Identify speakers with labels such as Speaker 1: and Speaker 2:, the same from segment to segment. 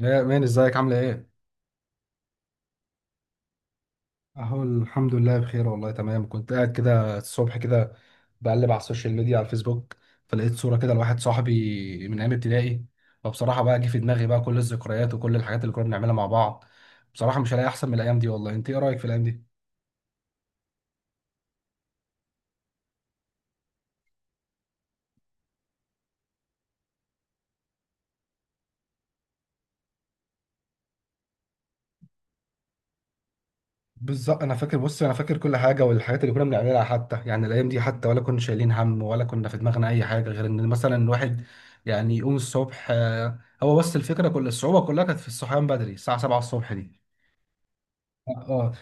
Speaker 1: يا مان ازيك عاملة ايه؟ اهو الحمد لله بخير والله تمام. كنت قاعد كده الصبح كده بقلب على السوشيال ميديا على الفيسبوك، فلقيت صورة كده لواحد صاحبي من ايام ابتدائي، فبصراحة بقى جه في دماغي بقى كل الذكريات وكل الحاجات اللي كنا بنعملها مع بعض. بصراحة مش هلاقي احسن من الايام دي والله. انت ايه رأيك في الايام دي؟ بالظبط انا فاكر، بص انا فاكر كل حاجة، والحاجات اللي كنا بنعملها، حتى يعني الايام دي، حتى ولا كنا شايلين هم، ولا كنا في دماغنا اي حاجة غير ان مثلا الواحد يعني يقوم الصبح. هو بس الفكرة كل الصعوبة كلها كانت في الصحيان بدري الساعة 7 الصبح دي. اه.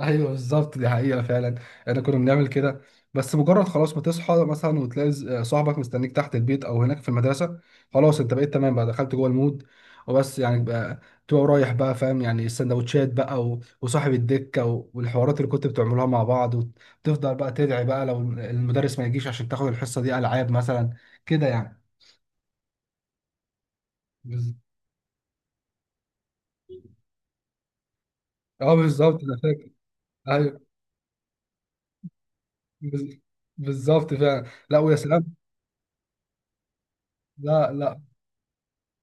Speaker 1: ايوه بالظبط، دي حقيقة فعلا. احنا كنا بنعمل كده. بس مجرد خلاص ما تصحى مثلا وتلاقي صاحبك مستنيك تحت البيت او هناك في المدرسة، خلاص انت بقيت تمام بقى، دخلت جوه المود. وبس يعني بقى تبقى رايح بقى، فاهم يعني السندوتشات بقى، وصاحب الدكة، والحوارات اللي كنت بتعملوها مع بعض، وتفضل بقى تدعي بقى لو المدرس ما يجيش عشان تاخد الحصة دي ألعاب مثلا، كده يعني. بز- اه بالظبط انا فاكر. ايوه. بز- بالظبط فعلا، لا ويا سلام. لا لا،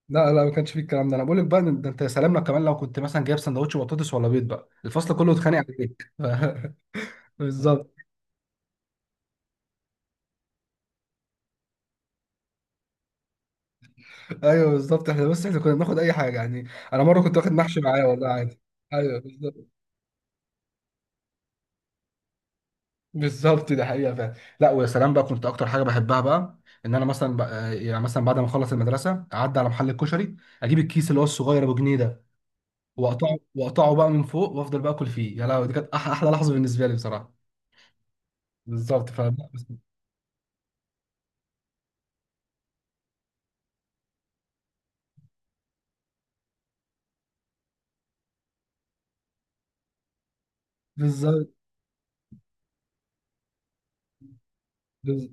Speaker 1: لا لا، ما كانش فيه الكلام ده. انا بقول لك بقى، ده انت يا سلام، لو كمان لو كنت مثلا جايب سندوتش بطاطس ولا بيض بقى الفصل كله اتخانق عليك. بالظبط. ايوه بالظبط، احنا بس احنا كنا بناخد اي حاجه يعني، انا مره كنت واخد محشي معايا والله عادي. ايوه بالظبط. بالظبط ده حقيقه فعلا. لا ويا سلام بقى، كنت اكتر حاجه بحبها بقى ان انا مثلا بقى يعني مثلا بعد ما اخلص المدرسه اعدي على محل الكشري، اجيب الكيس اللي هو الصغير ابو جنيه ده، واقطعه واقطعه بقى من فوق، وافضل بقى اكل فيه. يا لهوي، دي كانت احلى لحظه بالنسبه لي بصراحه. بالظبط ف بالظبط.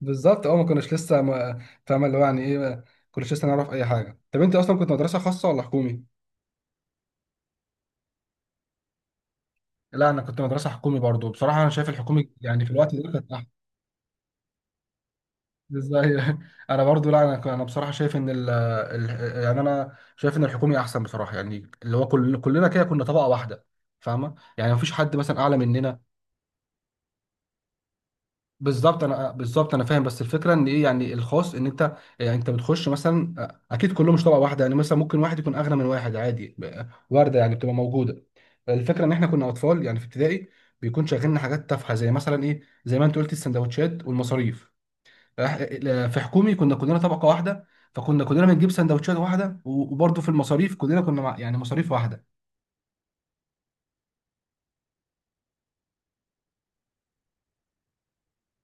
Speaker 1: بالظبط اه، ما كناش لسه ما فاهم اللي هو يعني ايه، ما كناش لسه نعرف اي حاجه. طب انت اصلا كنت مدرسه خاصه ولا حكومي؟ لا انا كنت مدرسه حكومي برضو. بصراحه انا شايف الحكومي يعني في الوقت ده كانت احسن. ازاي؟ انا برضو، لا انا بصراحه شايف ان يعني انا شايف ان الحكومي احسن بصراحه، يعني اللي هو كل كلنا كده كنا طبقه واحده فاهمه، يعني مفيش حد مثلا اعلى مننا. بالظبط انا، بالظبط انا فاهم. بس الفكره ان ايه يعني، الخاص ان انت يعني انت بتخش مثلا، اكيد كلهم مش طبقه واحده، يعني مثلا ممكن واحد يكون اغنى من واحد عادي، وارده، يعني بتبقى موجوده. الفكره ان احنا كنا اطفال يعني في ابتدائي، بيكون شاغلنا حاجات تافهه زي مثلا ايه، زي ما انت قلت السندوتشات والمصاريف. في حكومي كنا كلنا طبقه واحده، فكنا كلنا بنجيب سندوتشات واحده، وبرده في المصاريف كلنا كنا يعني مصاريف واحده.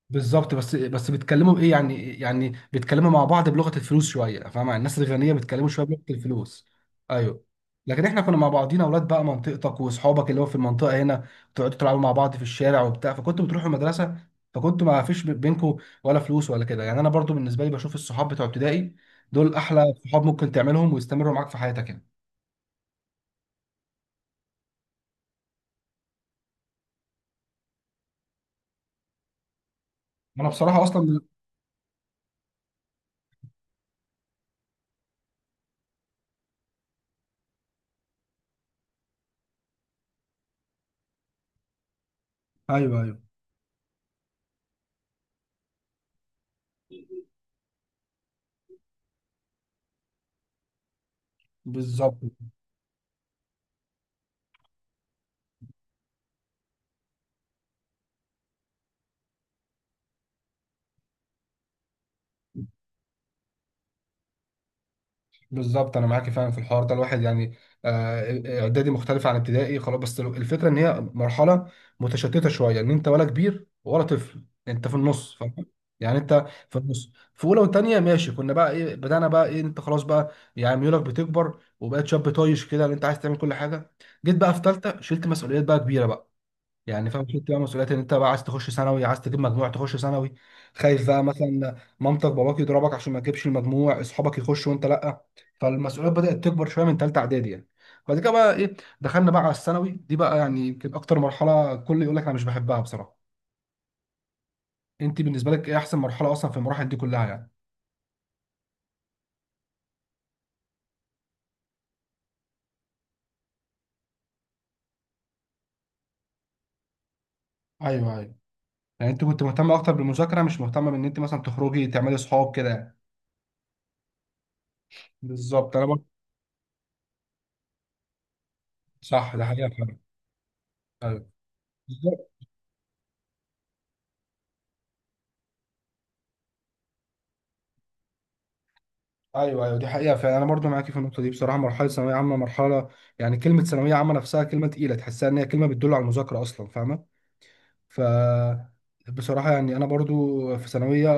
Speaker 1: بالظبط. بس بيتكلموا بايه يعني، يعني بيتكلموا مع بعض بلغه الفلوس شويه، فاهم يعني الناس الغنيه بيتكلموا شويه بلغه الفلوس. ايوه. لكن احنا كنا مع بعضينا اولاد بقى منطقتك واصحابك اللي هو في المنطقه هنا، تقعدوا تلعبوا مع بعض في الشارع وبتاع، فكنتوا بتروحوا المدرسه، فكنتوا ما فيش بينكم ولا فلوس ولا كده. يعني انا برضو بالنسبه لي بشوف الصحاب بتوع ابتدائي دول احلى صحاب ممكن تعملهم ويستمروا معاك في حياتك يعني. انا بصراحه اصلا من... ايوه ايوه بالظبط. بالظبط انا معاكي فعلا في الحوار ده، الواحد يعني، آه، اعدادي مختلف عن ابتدائي خلاص، بس الفكره ان هي مرحله متشتته شويه، ان انت ولا كبير ولا طفل، انت في النص فاهم. يعني انت في النص في اولى وثانيه، ماشي، كنا بقى ايه، بدانا بقى ايه، انت خلاص بقى، يعني ميولك بتكبر، وبقيت شاب طايش كده، ان انت عايز تعمل كل حاجه. جيت بقى في ثالثه، شلت مسؤوليات بقى كبيره بقى، يعني فاهم، شلت بقى مسؤوليات ان انت بقى عايز تخش ثانوي، عايز تجيب مجموع تخش ثانوي، خايف بقى مثلا مامتك باباك يضربك عشان ما تجيبش المجموع، اصحابك يخشوا وانت لا. فالمسؤوليات بدأت تكبر شويه من ثالثه اعدادي يعني. بعد كده بقى ايه دخلنا بقى على الثانوي، دي بقى يعني يمكن اكتر مرحله الكل يقول لك انا مش بحبها بصراحه. انت بالنسبه لك ايه احسن مرحله اصلا في المراحل دي كلها يعني؟ ايوه ايوه. يعني انت كنت مهتمه اكتر بالمذاكره، مش مهتمه بان انت مثلا تخرجي تعملي صحاب كده يعني. بالظبط انا برضه. صح ده حقيقه فعلا. ايوه ايوه ايوه دي حقيقه فعلا. انا برضو معاكي في النقطه دي بصراحه. مرحله ثانويه عامه مرحله، يعني كلمه ثانويه عامه نفسها كلمه تقيله، تحسها ان هي كلمه بتدل على المذاكره اصلا فاهمه. ف بصراحه يعني انا برضو في ثانويه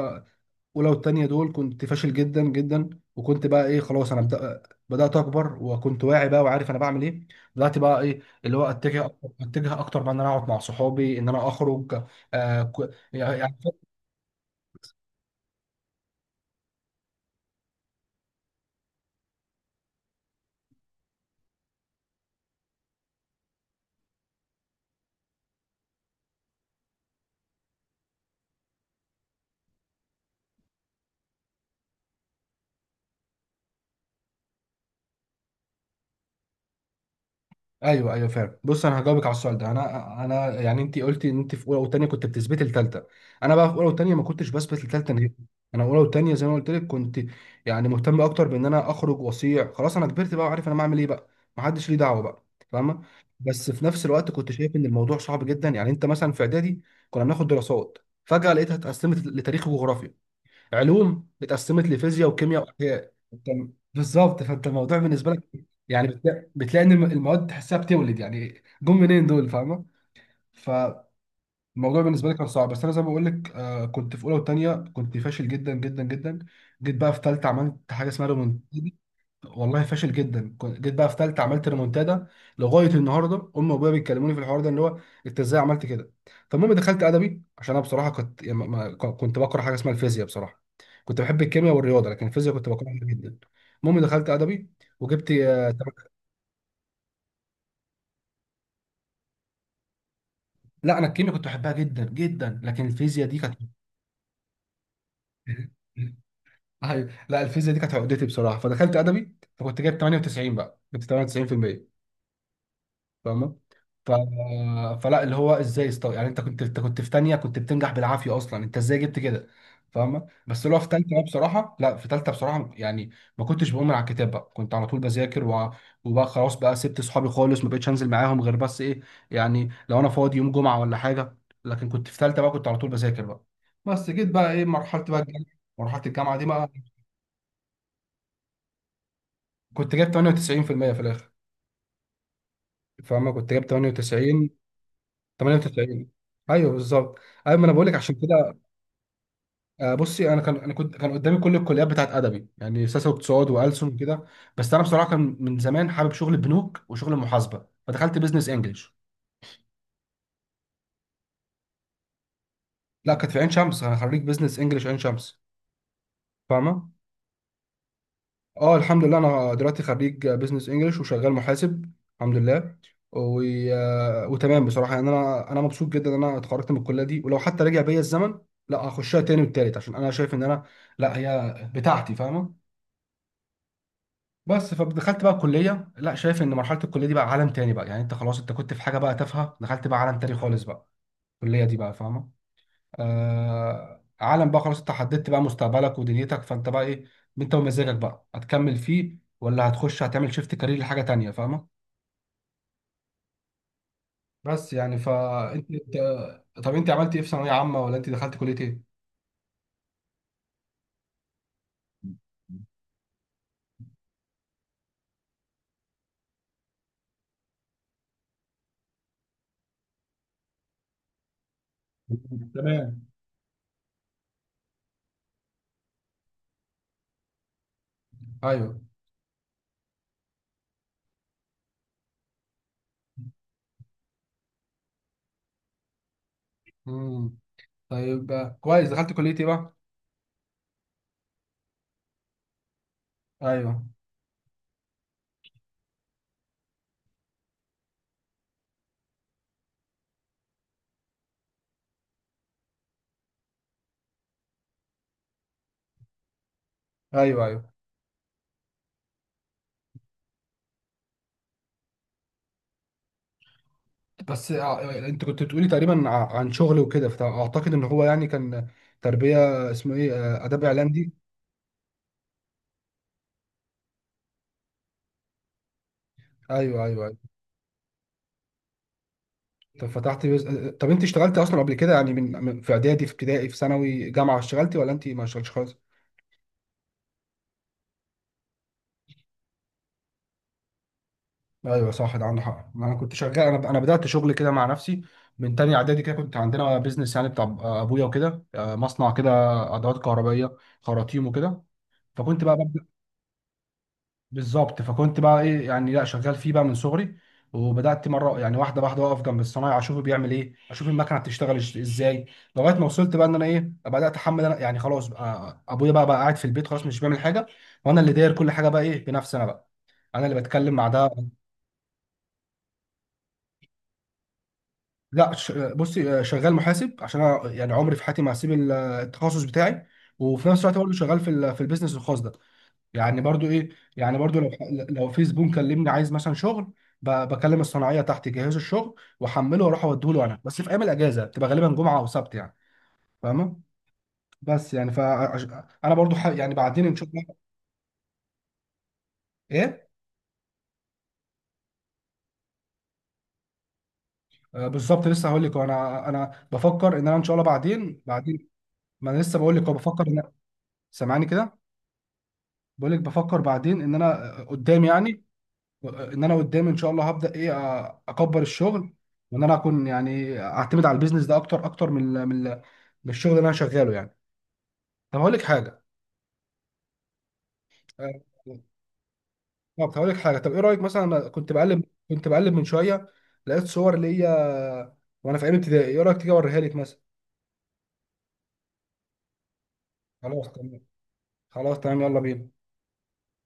Speaker 1: اولى والتانيه دول كنت فاشل جدا جدا، وكنت بقى ايه خلاص انا بدأ بدات اكبر، وكنت واعي بقى وعارف انا بعمل ايه. بدات بقى ايه اللي هو اتجه اكتر بقى ان انا اقعد مع صحابي، ان انا اخرج. يعني. ايوه ايوه فاهم. بص انا هجاوبك على السؤال ده، انا يعني، انت قلتي ان انت في اولى وثانيه كنت بتثبتي الثالثه. انا بقى في اولى وثانيه ما كنتش بثبت الثالثه نهائي. انا اولى وثانيه زي ما قلت لك كنت يعني مهتم اكتر بان انا اخرج واصيع، خلاص انا كبرت بقى وعارف انا بعمل ايه بقى، ما حدش ليه دعوه بقى فاهمه. بس في نفس الوقت كنت شايف ان الموضوع صعب جدا، يعني انت مثلا في اعدادي كنا بناخد دراسات، فجاه لقيتها اتقسمت لتاريخ وجغرافيا، علوم اتقسمت لفيزياء وكيمياء واحياء، انت بالظبط. فانت الموضوع بالنسبه لك يعني بتلاقي ان المواد تحسها بتولد، يعني جم منين دول فاهمه. فالموضوع بالنسبه لي كان صعب، بس انا زي ما بقول لك آه كنت في اولى وثانيه كنت فاشل جدا جدا جدا. جيت بقى في ثالثه عملت حاجه اسمها، والله فاشل جدا، جيت بقى في ثالثه عملت ريمونتادا. لغايه النهارده امي وابويا بيتكلموني في الحوار ده اللي هو انت ازاي عملت كده. فالمهم دخلت ادبي عشان انا بصراحه كنت يعني، كنت بكره حاجه اسمها الفيزياء بصراحه. كنت بحب الكيمياء والرياضه، لكن الفيزياء كنت بكرهها جدا. المهم دخلت ادبي وجبت، لا انا الكيمياء كنت بحبها جدا جدا، لكن الفيزياء دي كانت... ايوه لا الفيزياء دي كانت عقدتي بصراحه. فدخلت ادبي، فكنت جايب 98 بقى، جبت 98% فاهمه. ف... فلا اللي هو ازاي استو... يعني انت كنت، انت كنت في تانية كنت بتنجح بالعافيه اصلا، انت ازاي جبت كده فاهمه. بس اللي هو في تالتة، أنا بصراحه لا، في تالتة بصراحه يعني ما كنتش بقوم على الكتاب بقى، كنت على طول بذاكر و... وبقى خلاص بقى سبت صحابي خالص، ما بقتش انزل معاهم غير بس ايه، يعني لو انا فاضي يوم جمعه ولا حاجه. لكن كنت في تالتة بقى كنت على طول بذاكر بقى. بس جيت بقى ايه مرحله بقى الجامعه، مرحله الجامعه دي بقى، كنت جايب 98% في المية في الاخر فاهمه. كنت جايب 98. 98. ايوه بالظبط. ايوه ما انا بقول لك عشان كده. بصي انا كان انا كنت، كان قدامي كل الكليات بتاعت ادبي يعني سياسه واقتصاد والسن وكده، بس انا بصراحه كان من زمان حابب شغل البنوك وشغل المحاسبه فدخلت بزنس انجلش. لا كانت في عين شمس، انا خريج بزنس انجلش عين شمس فاهمه. اه الحمد لله، انا دلوقتي خريج بزنس انجلش وشغال محاسب، الحمد لله. و... وتمام بصراحه، يعني انا مبسوط جدا ان انا اتخرجت من الكليه دي، ولو حتى رجع بيا الزمن لا هخشها تاني والتالت، عشان انا شايف ان انا، لا هي بتاعتي فاهمه. بس فدخلت بقى الكليه، لا شايف ان مرحله الكليه دي بقى عالم تاني بقى، يعني انت خلاص انت كنت في حاجه بقى تافهه، دخلت بقى عالم تاني خالص بقى، الكليه دي بقى فاهمه. آه عالم بقى خلاص، انت حددت بقى مستقبلك ودنيتك، فانت بقى ايه، انت ومزاجك بقى هتكمل فيه ولا هتخش هتعمل شيفت كارير لحاجه تانيه فاهمه. بس يعني طب انت عملت ايه في ثانويه عامه ولا انت دخلت كليه ايه؟ تمام ايوه. امم. طيب كويس، دخلت كليه ايه بقى؟ ايوه ايوه ايوه. بس ع- انت كنت بتقولي تقريبا عن شغل وكده، فاعتقد ان هو يعني كان تربيه، اسمه ايه، اداب اعلام دي. ايوه ايوه ايوه. طب فتحت بيز... طب انت اشتغلت اصلا قبل كده يعني، في اعدادي في ابتدائي في ثانوي جامعه، اشتغلتي ولا انت ما اشتغلتش خالص؟ ايوه صح ده عندك حق. انا كنت شغال، انا بدات شغل كده مع نفسي من تاني اعدادي كده، كنت عندنا بيزنس يعني بتاع ابويا وكده، مصنع كده ادوات كهربائيه خراطيم وكده، فكنت بقى. بالظبط فكنت بقى ايه يعني، لا شغال فيه بقى من صغري، وبدات مره يعني واحده واحده اقف جنب الصنايعي اشوفه بيعمل ايه، اشوف المكنه بتشتغل ازاي، لغايه ما وصلت بقى ان انا ايه بدات احمل انا، يعني خلاص بقى ابويا بقى قاعد في البيت خلاص مش بيعمل حاجه، وانا اللي داير كل حاجه بقى ايه بنفسي، انا بقى انا اللي بتكلم مع ده. لا بصي، شغال محاسب، عشان انا يعني عمري في حياتي ما هسيب التخصص بتاعي، وفي نفس الوقت برضه شغال في في البيزنس الخاص ده، يعني برضو ايه، يعني برضو لو، في زبون كلمني عايز مثلا شغل، بكلم الصناعيه تحت يجهزوا الشغل واحمله واروح اوديه له، انا بس في ايام الاجازه بتبقى غالبا جمعه او سبت يعني فاهمه. بس يعني ف انا برضو ح... يعني بعدين ان شاء الله. ايه. آه بالظبط لسه هقول لك، انا بفكر ان انا ان شاء الله بعدين بعدين. ما انا لسه بقول لك أهو، بفكر ان. سامعني كده، بقول لك بفكر بعدين، ان انا قدام يعني، ان انا قدام ان شاء الله هبدا ايه، اكبر الشغل، وان انا اكون يعني اعتمد على البيزنس ده اكتر اكتر من من الشغل اللي انا شغاله يعني. طب هقول لك حاجه. آه، طب هقول لك حاجه، طب ايه رايك مثلا؟ انا كنت بقلب من شويه لقيت صور ليا وانا في ايام ابتدائي، ايه رايك تيجي اوريها لك مثلا؟ خلاص تمام. خلاص تمام يلا بينا.